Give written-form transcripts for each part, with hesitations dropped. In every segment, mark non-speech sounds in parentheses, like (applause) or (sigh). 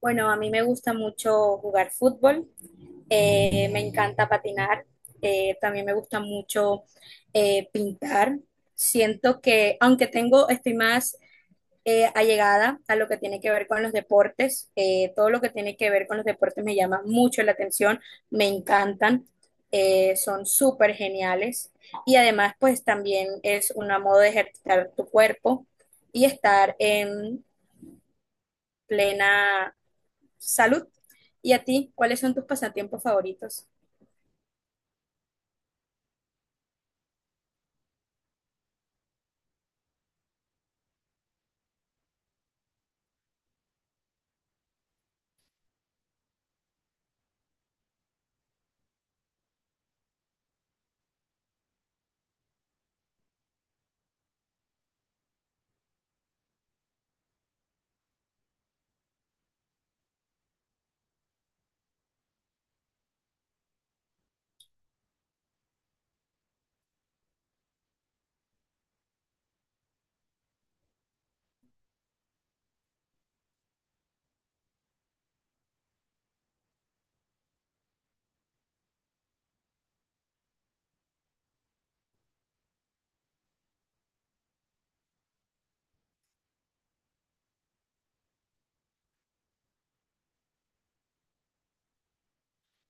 Bueno, a mí me gusta mucho jugar fútbol, me encanta patinar, también me gusta mucho pintar. Siento que, aunque tengo, estoy más allegada a lo que tiene que ver con los deportes, todo lo que tiene que ver con los deportes me llama mucho la atención, me encantan, son súper geniales y además pues también es una modo de ejercitar tu cuerpo y estar en plena salud. ¿Y a ti? ¿Cuáles son tus pasatiempos favoritos?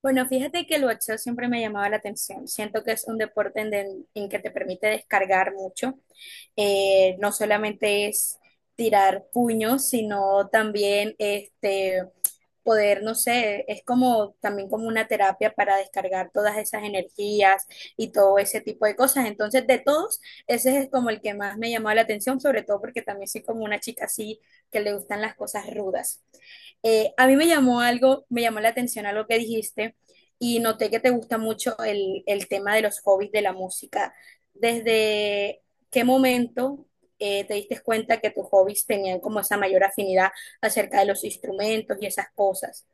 Bueno, fíjate que el boxeo siempre me llamaba la atención. Siento que es un deporte en que te permite descargar mucho. No solamente es tirar puños, sino también este, poder, no sé, es como también como una terapia para descargar todas esas energías y todo ese tipo de cosas. Entonces, de todos, ese es como el que más me llamaba la atención, sobre todo porque también soy como una chica así que le gustan las cosas rudas. A mí me llamó algo, me llamó la atención algo que dijiste y noté que te gusta mucho el tema de los hobbies de la música. ¿Desde qué momento te diste cuenta que tus hobbies tenían como esa mayor afinidad acerca de los instrumentos y esas cosas?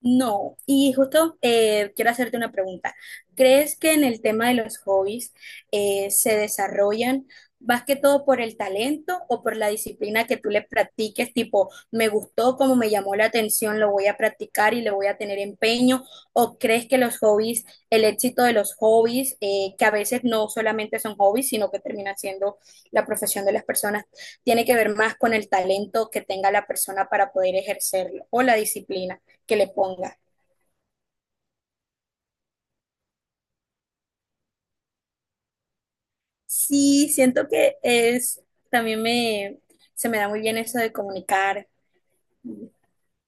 No, y justo quiero hacerte una pregunta. ¿Crees que en el tema de los hobbies se desarrollan más que todo por el talento o por la disciplina que tú le practiques? Tipo, me gustó, como me llamó la atención, lo voy a practicar y le voy a tener empeño. ¿O crees que los hobbies, el éxito de los hobbies, que a veces no solamente son hobbies, sino que termina siendo la profesión de las personas, tiene que ver más con el talento que tenga la persona para poder ejercerlo o la disciplina que le ponga? Sí, siento que es, también me, se me da muy bien eso de comunicar.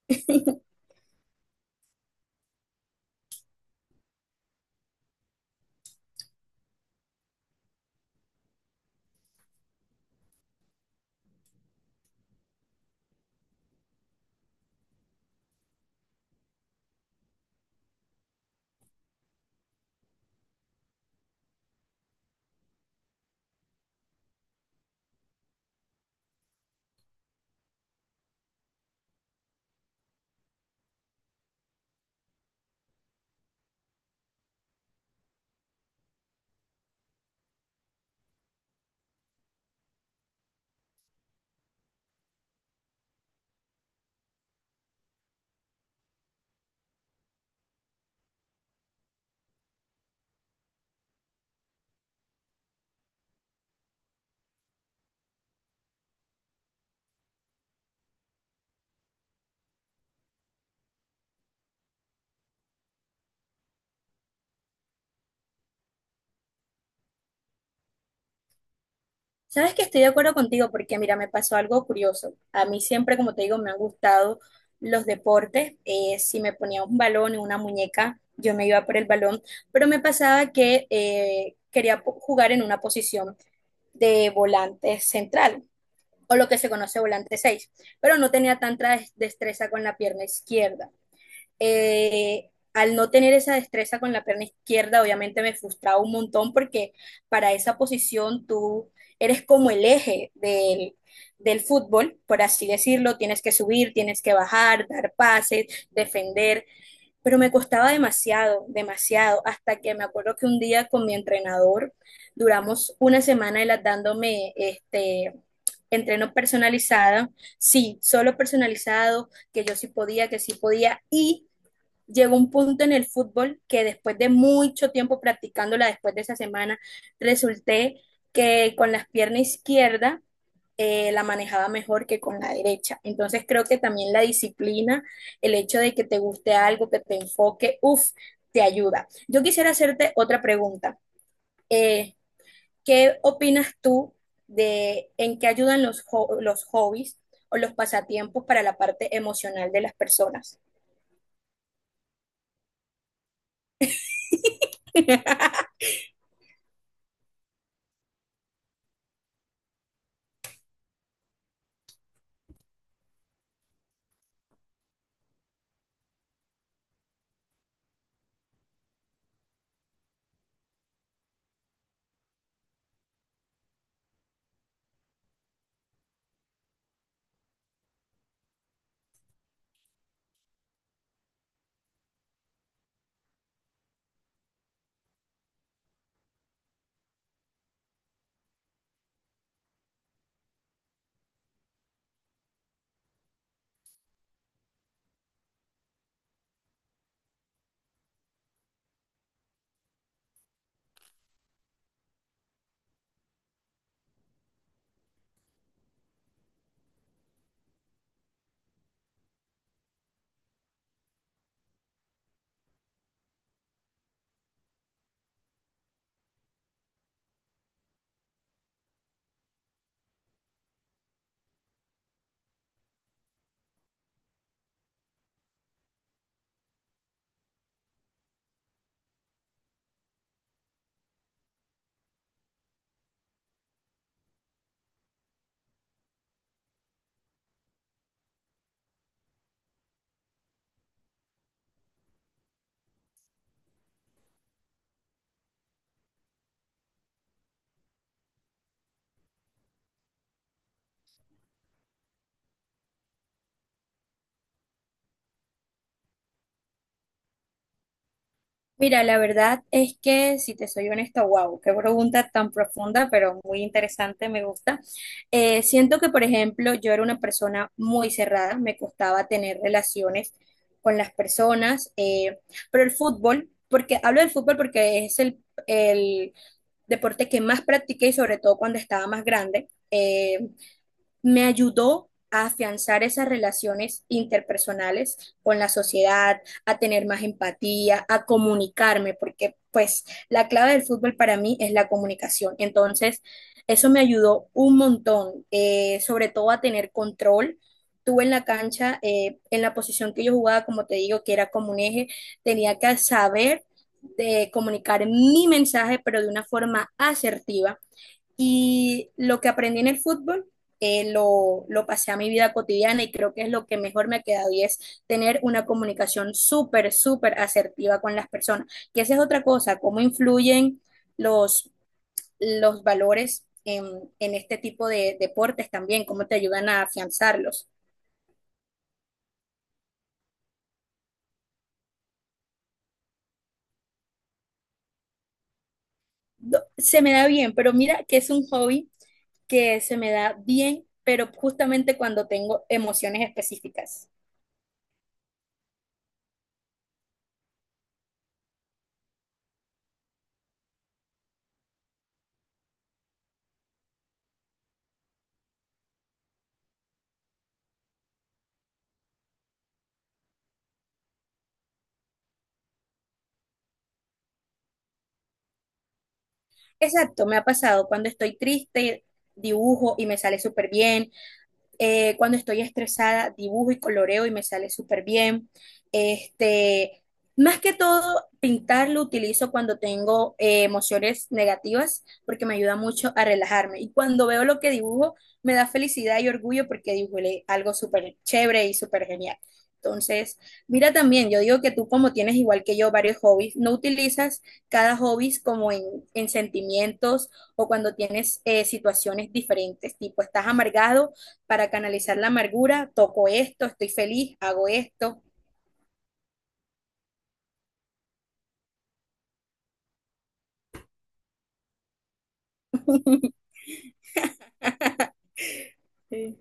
(laughs) Sabes que estoy de acuerdo contigo porque, mira, me pasó algo curioso. A mí siempre, como te digo, me han gustado los deportes. Si me ponía un balón y una muñeca, yo me iba por el balón, pero me pasaba que quería jugar en una posición de volante central o lo que se conoce volante 6. Pero no tenía tanta destreza con la pierna izquierda. Al no tener esa destreza con la pierna izquierda, obviamente me frustraba un montón porque para esa posición tú eres como el eje del fútbol, por así decirlo, tienes que subir, tienes que bajar, dar pases, defender, pero me costaba demasiado, demasiado, hasta que me acuerdo que un día con mi entrenador duramos una semana él dándome este entreno personalizado, sí, solo personalizado, que yo sí podía, que sí podía, y llegó un punto en el fútbol que después de mucho tiempo practicándola, después de esa semana, resulté que con la pierna izquierda la manejaba mejor que con la derecha. Entonces creo que también la disciplina, el hecho de que te guste algo, que te enfoque, uff, te ayuda. Yo quisiera hacerte otra pregunta. Eh, ¿Qué opinas tú de en qué ayudan los hobbies o los pasatiempos para la parte emocional de las personas? Mira, la verdad es que, si te soy honesta, wow, qué pregunta tan profunda, pero muy interesante, me gusta. Siento que, por ejemplo, yo era una persona muy cerrada, me costaba tener relaciones con las personas, pero el fútbol, porque hablo del fútbol porque es el deporte que más practiqué y sobre todo cuando estaba más grande. Me ayudó a afianzar esas relaciones interpersonales con la sociedad, a tener más empatía, a comunicarme, porque pues la clave del fútbol para mí es la comunicación. Entonces, eso me ayudó un montón, sobre todo a tener control. Tú en la cancha, en la posición que yo jugaba, como te digo, que era como un eje, tenía que saber de comunicar mi mensaje, pero de una forma asertiva y lo que aprendí en el fútbol lo pasé a mi vida cotidiana y creo que es lo que mejor me ha quedado y es tener una comunicación súper, súper asertiva con las personas. Que esa es otra cosa, cómo influyen los, los valores en este tipo de deportes también, cómo te ayudan a afianzarlos. Se me da bien, pero mira que es un hobby que se me da bien, pero justamente cuando tengo emociones específicas. Exacto, me ha pasado cuando estoy triste, dibujo y me sale súper bien. Cuando estoy estresada, dibujo y coloreo y me sale súper bien. Este, más que todo, pintar lo utilizo cuando tengo emociones negativas porque me ayuda mucho a relajarme. Y cuando veo lo que dibujo, me da felicidad y orgullo porque dibujé algo súper chévere y súper genial. Entonces, mira también, yo digo que tú como tienes igual que yo varios hobbies, no utilizas cada hobby como en sentimientos o cuando tienes situaciones diferentes, tipo estás amargado para canalizar la amargura, toco esto, estoy feliz, hago esto. Sí.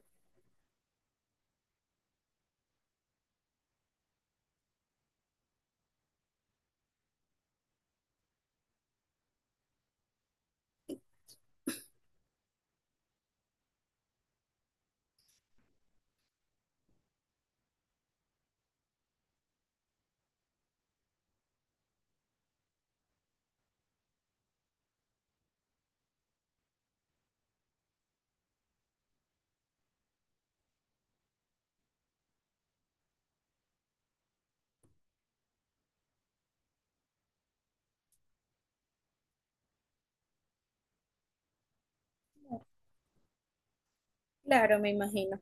Claro, me imagino.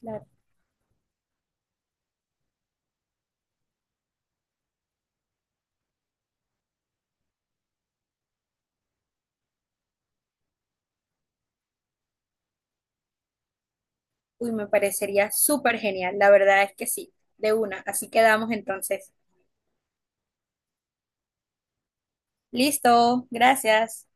Claro. Uy, me parecería súper genial. La verdad es que sí, de una. Así quedamos entonces. Listo, gracias.